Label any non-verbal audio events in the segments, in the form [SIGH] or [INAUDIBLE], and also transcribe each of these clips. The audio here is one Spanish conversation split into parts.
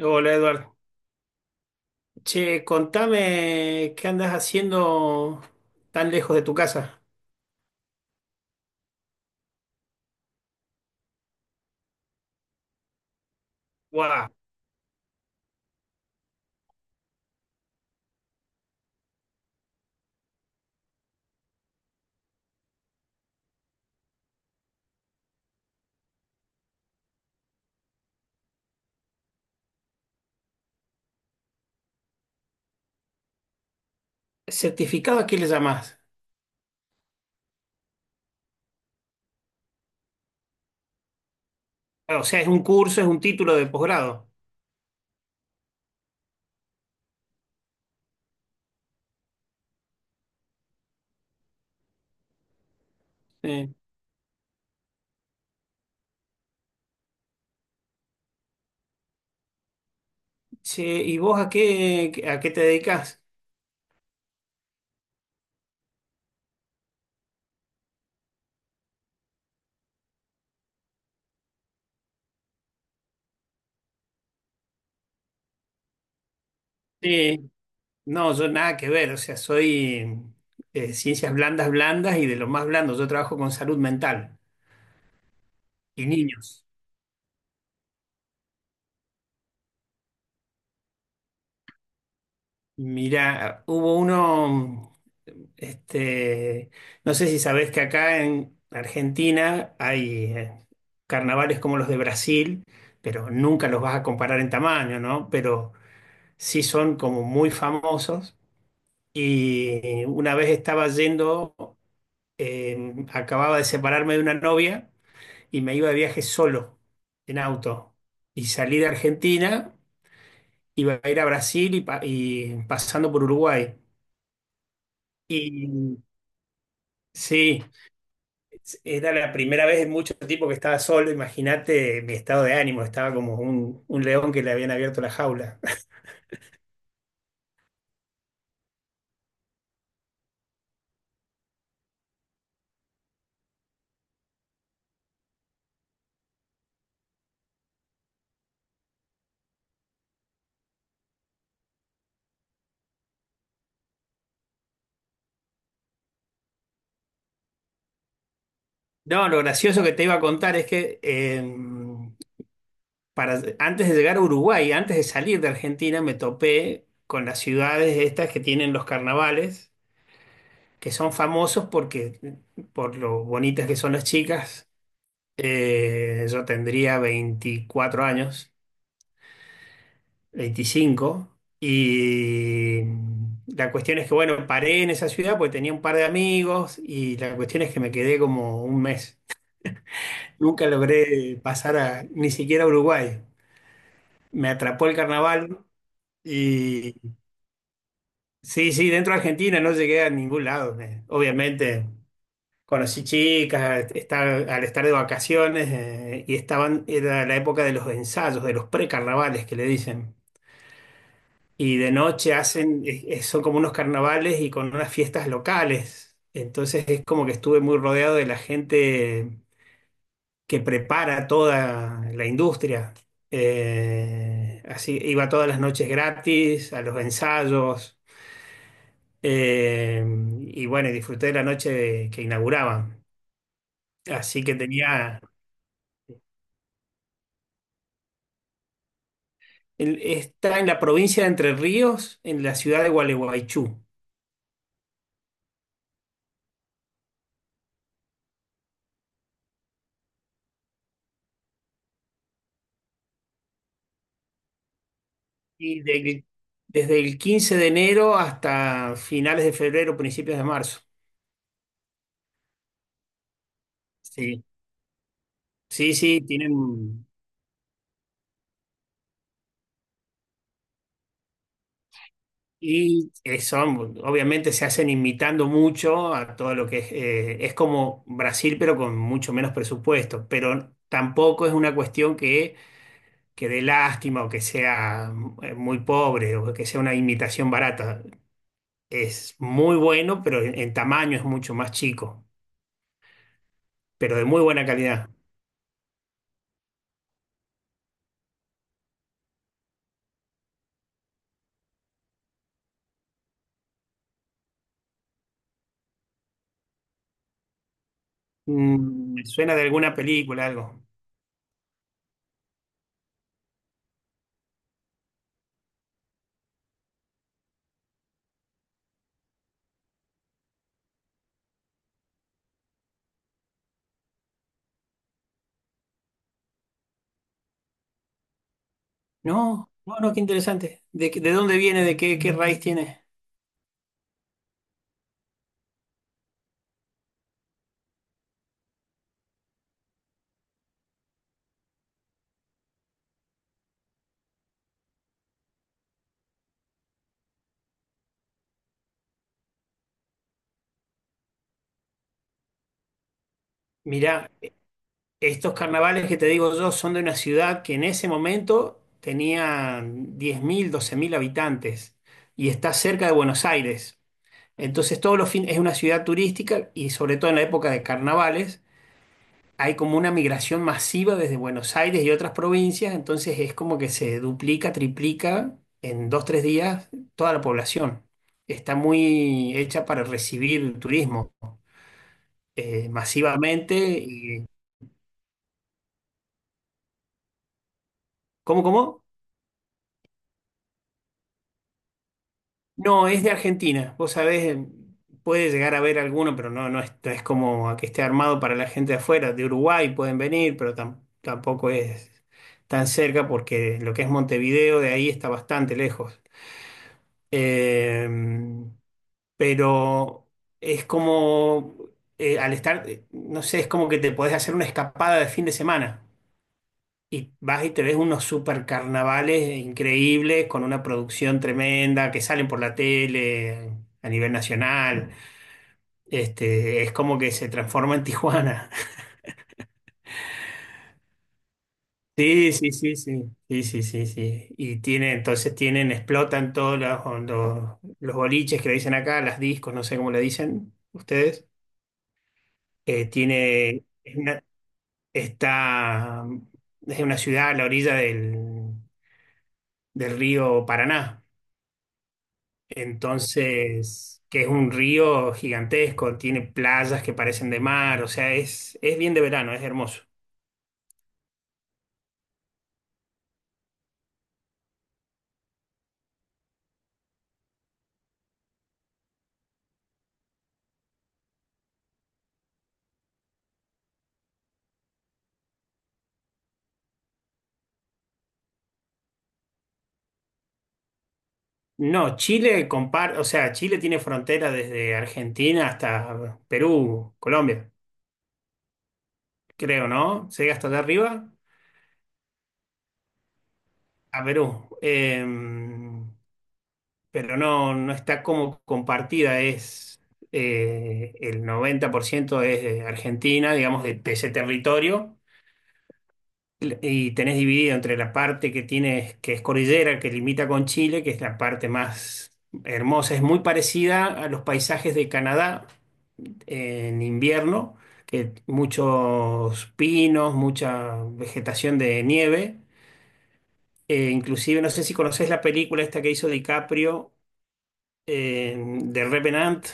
Hola Eduardo. Che, contame qué andas haciendo tan lejos de tu casa. Guau. ¿Certificado a qué le llamás? Ah, o sea, es un curso, es un título de posgrado. Eh, che, ¿y vos a qué, te dedicas? Sí. No, yo nada que ver. O sea, soy ciencias blandas, blandas y de lo más blando. Yo trabajo con salud mental y niños. Mira, hubo uno, este, no sé si sabés que acá en Argentina hay carnavales como los de Brasil, pero nunca los vas a comparar en tamaño, ¿no? Pero sí son como muy famosos. Y una vez estaba yendo, acababa de separarme de una novia y me iba de viaje solo, en auto. Y salí de Argentina, iba a ir a Brasil y pasando por Uruguay. Y sí, era la primera vez en mucho tiempo que estaba solo. Imagínate mi estado de ánimo, estaba como un león que le habían abierto la jaula. [LAUGHS] No, lo gracioso que te iba a contar es que antes de llegar a Uruguay, antes de salir de Argentina, me topé con las ciudades estas que tienen los carnavales, que son famosos porque por lo bonitas que son las chicas. Yo tendría 24 años, 25. Y la cuestión es que, bueno, paré en esa ciudad porque tenía un par de amigos y la cuestión es que me quedé como un mes. Nunca logré pasar a, ni siquiera a Uruguay. Me atrapó el carnaval y sí, sí, dentro de Argentina no llegué a ningún lado. Obviamente conocí chicas, al estar de vacaciones, y estaban, era la época de los ensayos, de los precarnavales que le dicen. Y de noche hacen, son como unos carnavales y con unas fiestas locales. Entonces es como que estuve muy rodeado de la gente que prepara toda la industria. Así iba todas las noches gratis, a los ensayos. eh, y bueno, y disfruté de la noche que inauguraban. Así que tenía. El está en la provincia de Entre Ríos, en la ciudad de Gualeguaychú. Y desde el 15 de enero hasta finales de febrero, principios de marzo. Sí, sí, sí, tienen. Y son, obviamente se hacen imitando mucho a todo lo que es como Brasil, pero con mucho menos presupuesto. Pero tampoco es una cuestión que dé lástima o que sea muy pobre o que sea una imitación barata. Es muy bueno, pero en tamaño es mucho más chico, pero de muy buena calidad. Me suena de alguna película, algo. No, no, no, qué interesante. ¿De dónde viene? ¿De qué raíz tiene? Mirá, estos carnavales que te digo yo son de una ciudad que en ese momento tenía 10.000, 12.000 habitantes y está cerca de Buenos Aires. Entonces, todos los fines es una ciudad turística y sobre todo en la época de carnavales. Hay como una migración masiva desde Buenos Aires y otras provincias, entonces es como que se duplica, triplica en dos, tres días toda la población. Está muy hecha para recibir turismo, masivamente. Y, ¿cómo? No, es de Argentina. Vos sabés, puede llegar a haber alguno, pero no, no es como a que esté armado para la gente de afuera. De Uruguay pueden venir, pero tampoco es tan cerca porque lo que es Montevideo de ahí está bastante lejos. Eh, pero es como, al estar, no sé, es como que te podés hacer una escapada de fin de semana y vas y te ves unos super carnavales increíbles con una producción tremenda que salen por la tele a nivel nacional. Es como que se transforma en Tijuana. [LAUGHS] Sí, sí, sí, sí, sí, sí, sí, sí. Y tiene, entonces tienen, explotan todos los boliches que le dicen acá, las discos, no sé cómo le dicen ustedes. Tiene, es una, está, es una ciudad a la orilla del río Paraná. Entonces, que es un río gigantesco, tiene playas que parecen de mar, o sea, es bien de verano, es hermoso. No, o sea, Chile tiene frontera desde Argentina hasta Perú, Colombia, creo, ¿no? Llega hasta allá arriba a Perú. Em, pero no, no está como compartida, es el 90% es de Argentina, digamos, de ese territorio, y tenés dividido entre la parte que tiene, que es cordillera, que limita con Chile, que es la parte más hermosa, es muy parecida a los paisajes de Canadá en invierno, que muchos pinos, mucha vegetación de nieve. Inclusive, no sé si conocés la película esta que hizo DiCaprio, eh, de Revenant.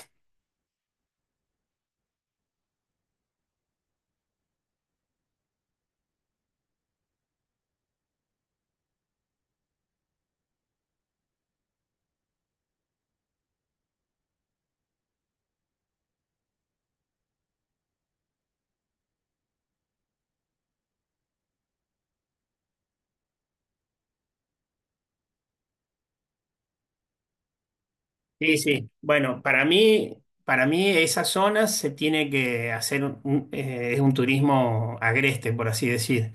Sí, sí. Bueno, para mí esa zona se tiene que hacer un, es un turismo agreste, por así decir.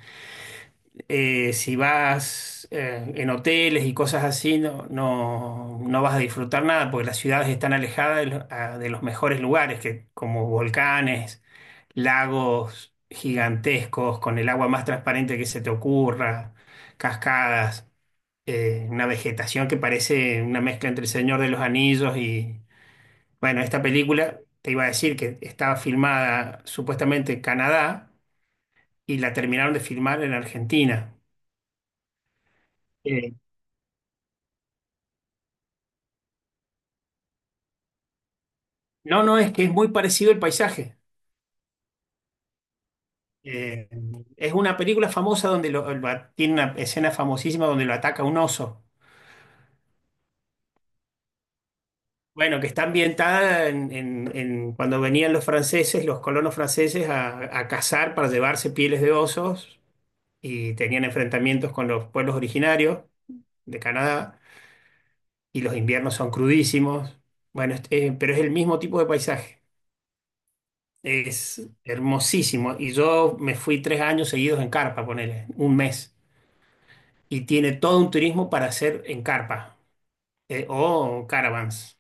Si vas en hoteles y cosas así, no, no, no vas a disfrutar nada, porque las ciudades están alejadas de, de los mejores lugares, que, como volcanes, lagos gigantescos, con el agua más transparente que se te ocurra, cascadas, una vegetación que parece una mezcla entre el Señor de los Anillos. Bueno, esta película, te iba a decir que estaba filmada supuestamente en Canadá y la terminaron de filmar en Argentina. Eh, no, no, es que es muy parecido el paisaje. Eh, es una película famosa donde tiene una escena famosísima donde lo ataca un oso. Bueno, que está ambientada en, en cuando venían los franceses, los colonos franceses, a cazar para llevarse pieles de osos y tenían enfrentamientos con los pueblos originarios de Canadá. Y los inviernos son crudísimos. Bueno, pero es el mismo tipo de paisaje. Es hermosísimo. Y yo me fui 3 años seguidos en carpa, ponele, un mes. Y tiene todo un turismo para hacer en carpa, o caravans.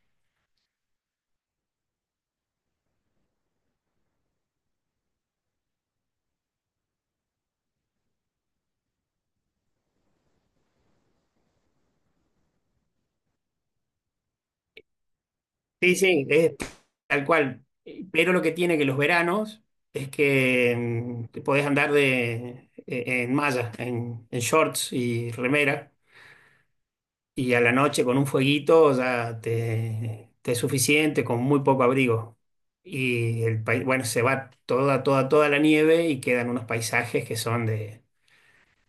Sí, sí, es tal cual. Pero lo que tiene que los veranos es que te podés andar de, en malla, en shorts y remera. Y a la noche con un fueguito ya te es suficiente, con muy poco abrigo. Y el país, bueno, se va toda, toda, toda la nieve y quedan unos paisajes que son de,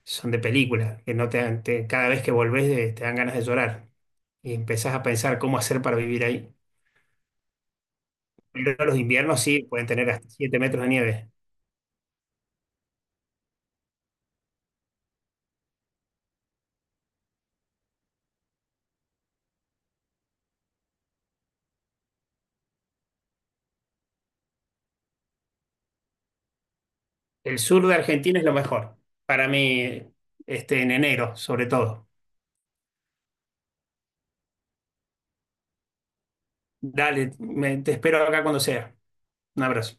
película, que no te, dan- te- cada vez que volvés, te dan ganas de llorar y empezás a pensar cómo hacer para vivir ahí. Pero los inviernos sí pueden tener hasta 7 metros de nieve. El sur de Argentina es lo mejor, para mí, en enero, sobre todo. Dale, te espero acá cuando sea. Un abrazo.